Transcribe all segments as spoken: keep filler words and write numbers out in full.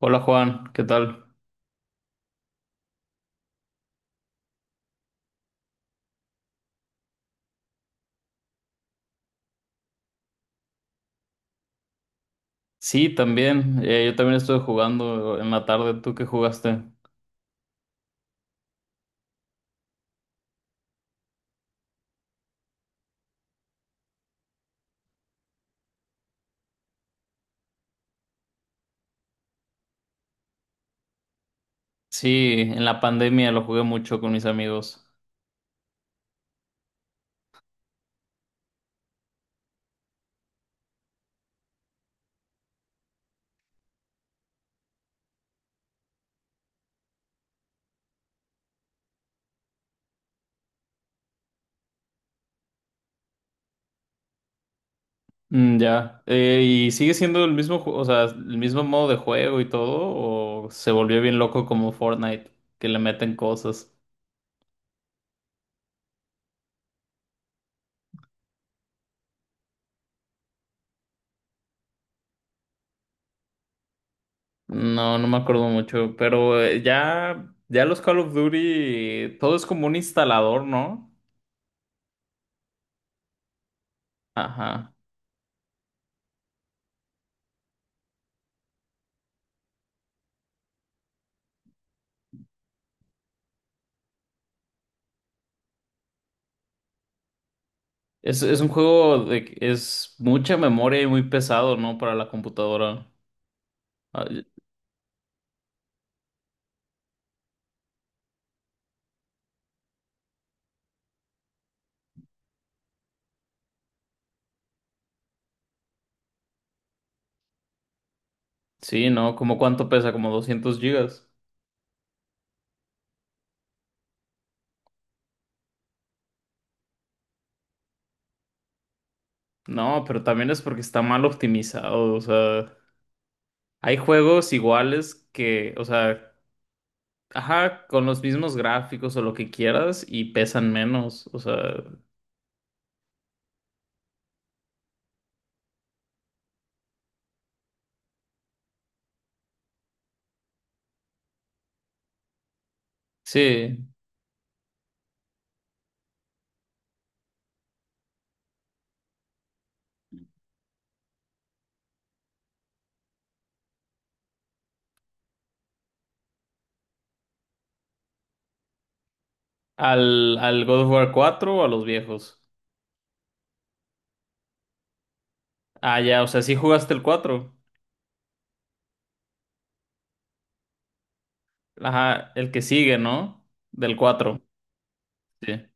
Hola Juan, ¿qué tal? Sí, también. Eh, yo también estuve jugando en la tarde. ¿Tú qué jugaste? Sí, en la pandemia lo jugué mucho con mis amigos. Mm, ya. Eh, ¿y sigue siendo el mismo, ju- o sea, el mismo modo de juego y todo? ¿O se volvió bien loco como Fortnite, que le meten cosas? No, no me acuerdo mucho, pero eh, ya, ya los Call of Duty, todo es como un instalador, ¿no? Ajá. Es, es un juego de que es mucha memoria y muy pesado, ¿no? Para la computadora. Ah, y- sí, ¿no? ¿Cómo cuánto pesa? Como doscientos gigas. No, pero también es porque está mal optimizado. O sea, hay juegos iguales que, o sea, ajá, con los mismos gráficos o lo que quieras y pesan menos. O sea, sí. ¿Al, al God of War cuatro o a los viejos? Ah, ya, o sea, sí jugaste el cuatro. Ajá, el que sigue, ¿no? Del cuatro. Sí.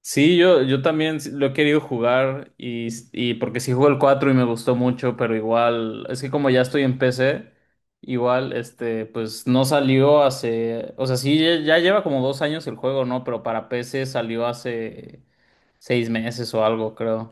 Sí, yo, yo también lo he querido jugar y, y porque sí jugué el cuatro y me gustó mucho, pero igual, es que como ya estoy en P C, igual, este, pues no salió hace, o sea, sí, ya ya lleva como dos años el juego, ¿no? Pero para P C salió hace seis meses o algo, creo.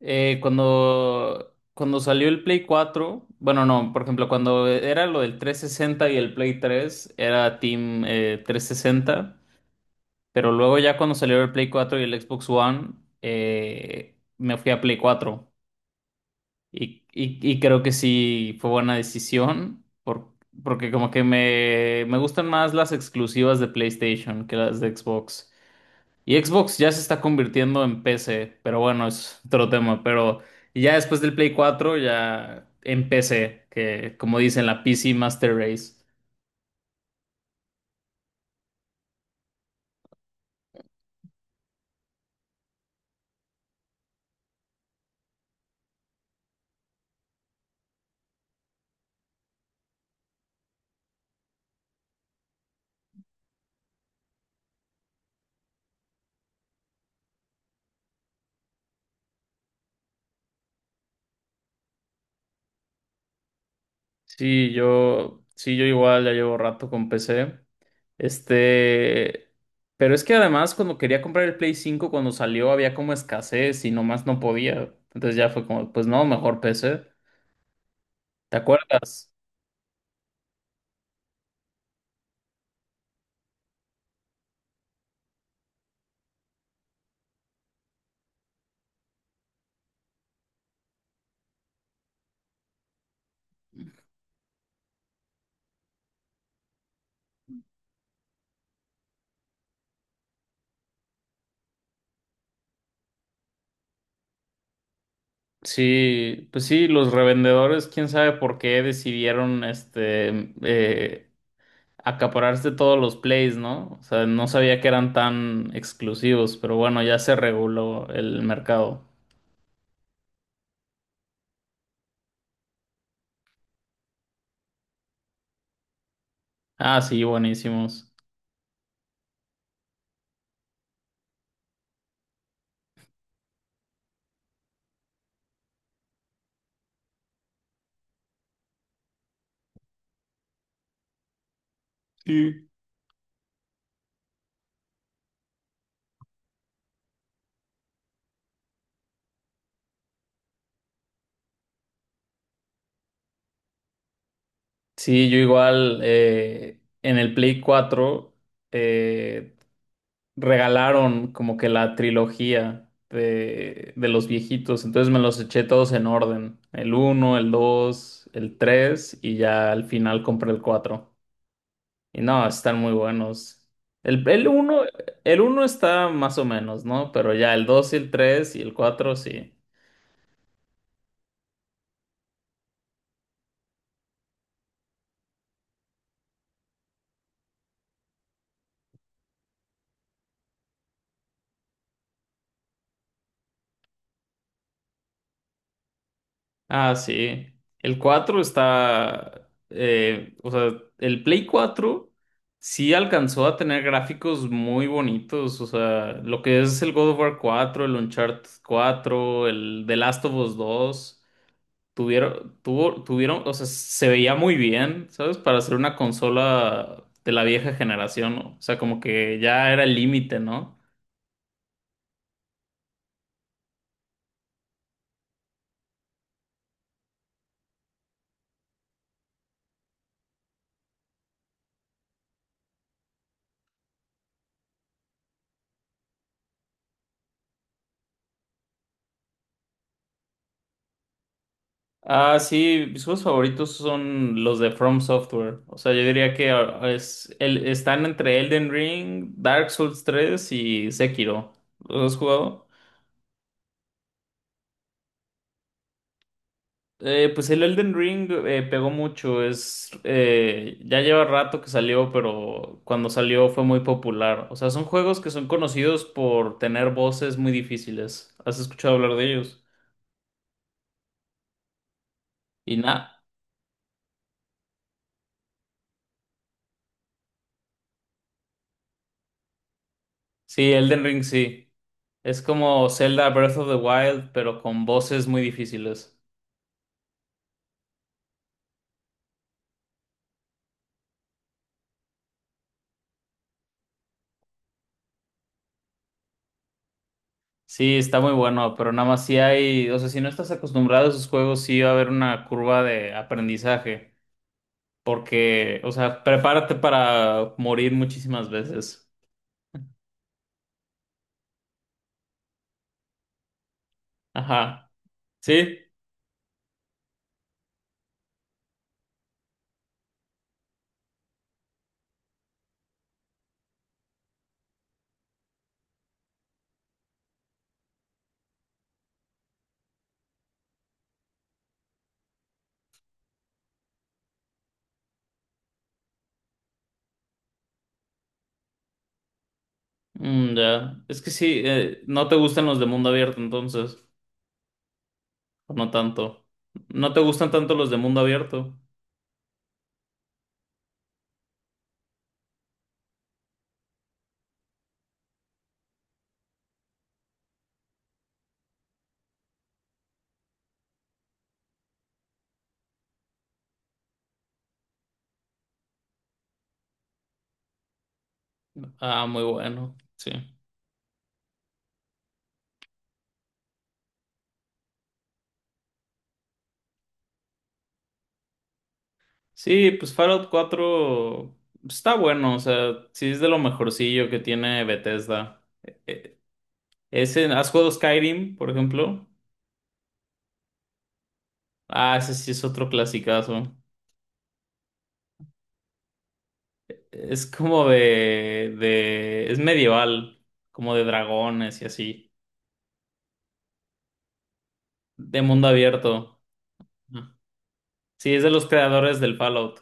Eh, cuando, cuando salió el Play cuatro, bueno, no, por ejemplo, cuando era lo del trescientos sesenta y el Play tres era Team, eh, trescientos sesenta. Pero luego ya cuando salió el Play cuatro y el Xbox One, eh, me fui a Play cuatro. Y, y- y creo que sí fue buena decisión, por- porque como que me, me gustan más las exclusivas de PlayStation que las de Xbox. Y Xbox ya se está convirtiendo en P C, pero bueno, es otro tema. Pero ya después del Play cuatro, ya en P C, que como dicen, la P C Master Race. Sí, yo, sí, yo igual ya llevo rato con P C. Este, pero es que además cuando quería comprar el Play cinco cuando salió había como escasez y nomás no podía. Entonces ya fue como, pues no, mejor P C. ¿Te acuerdas? Sí, pues sí, los revendedores, quién sabe por qué decidieron este eh, acapararse todos los Plays, ¿no? O sea, no sabía que eran tan exclusivos, pero bueno, ya se reguló el mercado. Ah, sí, buenísimos. Sí. Sí, yo igual eh, en el Play cuatro eh, regalaron como que la trilogía de, de los viejitos, entonces me los eché todos en orden, el uno, el dos, el tres y ya al final compré el cuatro. Y no, están muy buenos. El, el uno, el uno está más o menos, ¿no? Pero ya el dos, y el tres y el cuatro sí. Ah, sí. El cuatro está, eh, o sea, el Play cuatro sí alcanzó a tener gráficos muy bonitos, o sea, lo que es el God of War cuatro, el Uncharted cuatro, el The Last of Us dos tuvieron, tuvo, tuvieron, o sea, se veía muy bien, ¿sabes? Para ser una consola de la vieja generación, ¿no? O sea, como que ya era el límite, ¿no? Ah, sí, mis juegos favoritos son los de From Software. O sea, yo diría que ah, es, el, están entre Elden Ring, Dark Souls tres y Sekiro. ¿Los has jugado? Eh, pues el Elden Ring eh, pegó mucho. Es, eh, ya lleva rato que salió, pero cuando salió fue muy popular. O sea, son juegos que son conocidos por tener voces muy difíciles. ¿Has escuchado hablar de ellos? Y nada. Sí, Elden Ring sí. Es como Zelda Breath of the Wild, pero con voces muy difíciles. Sí, está muy bueno, pero nada más si hay, o sea, si no estás acostumbrado a esos juegos, sí va a haber una curva de aprendizaje, porque, o sea, prepárate para morir muchísimas veces. Ajá. ¿Sí? Mm, ya. Es que sí, eh, no te gustan los de mundo abierto entonces, o no tanto. No te gustan tanto los de mundo abierto. Ah, muy bueno, sí. Sí, pues Fallout cuatro está bueno, o sea, sí es de lo mejorcillo que tiene Bethesda. Eh, eh, Ese, ¿has jugado Skyrim, por ejemplo? Ah, ese sí es otro clasicazo. Es como de, de, es medieval, como de dragones y así, de mundo abierto. Ajá. Sí, es de los creadores del Fallout.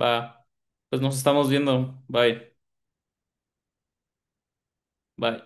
Va, pues nos estamos viendo. Bye, bye.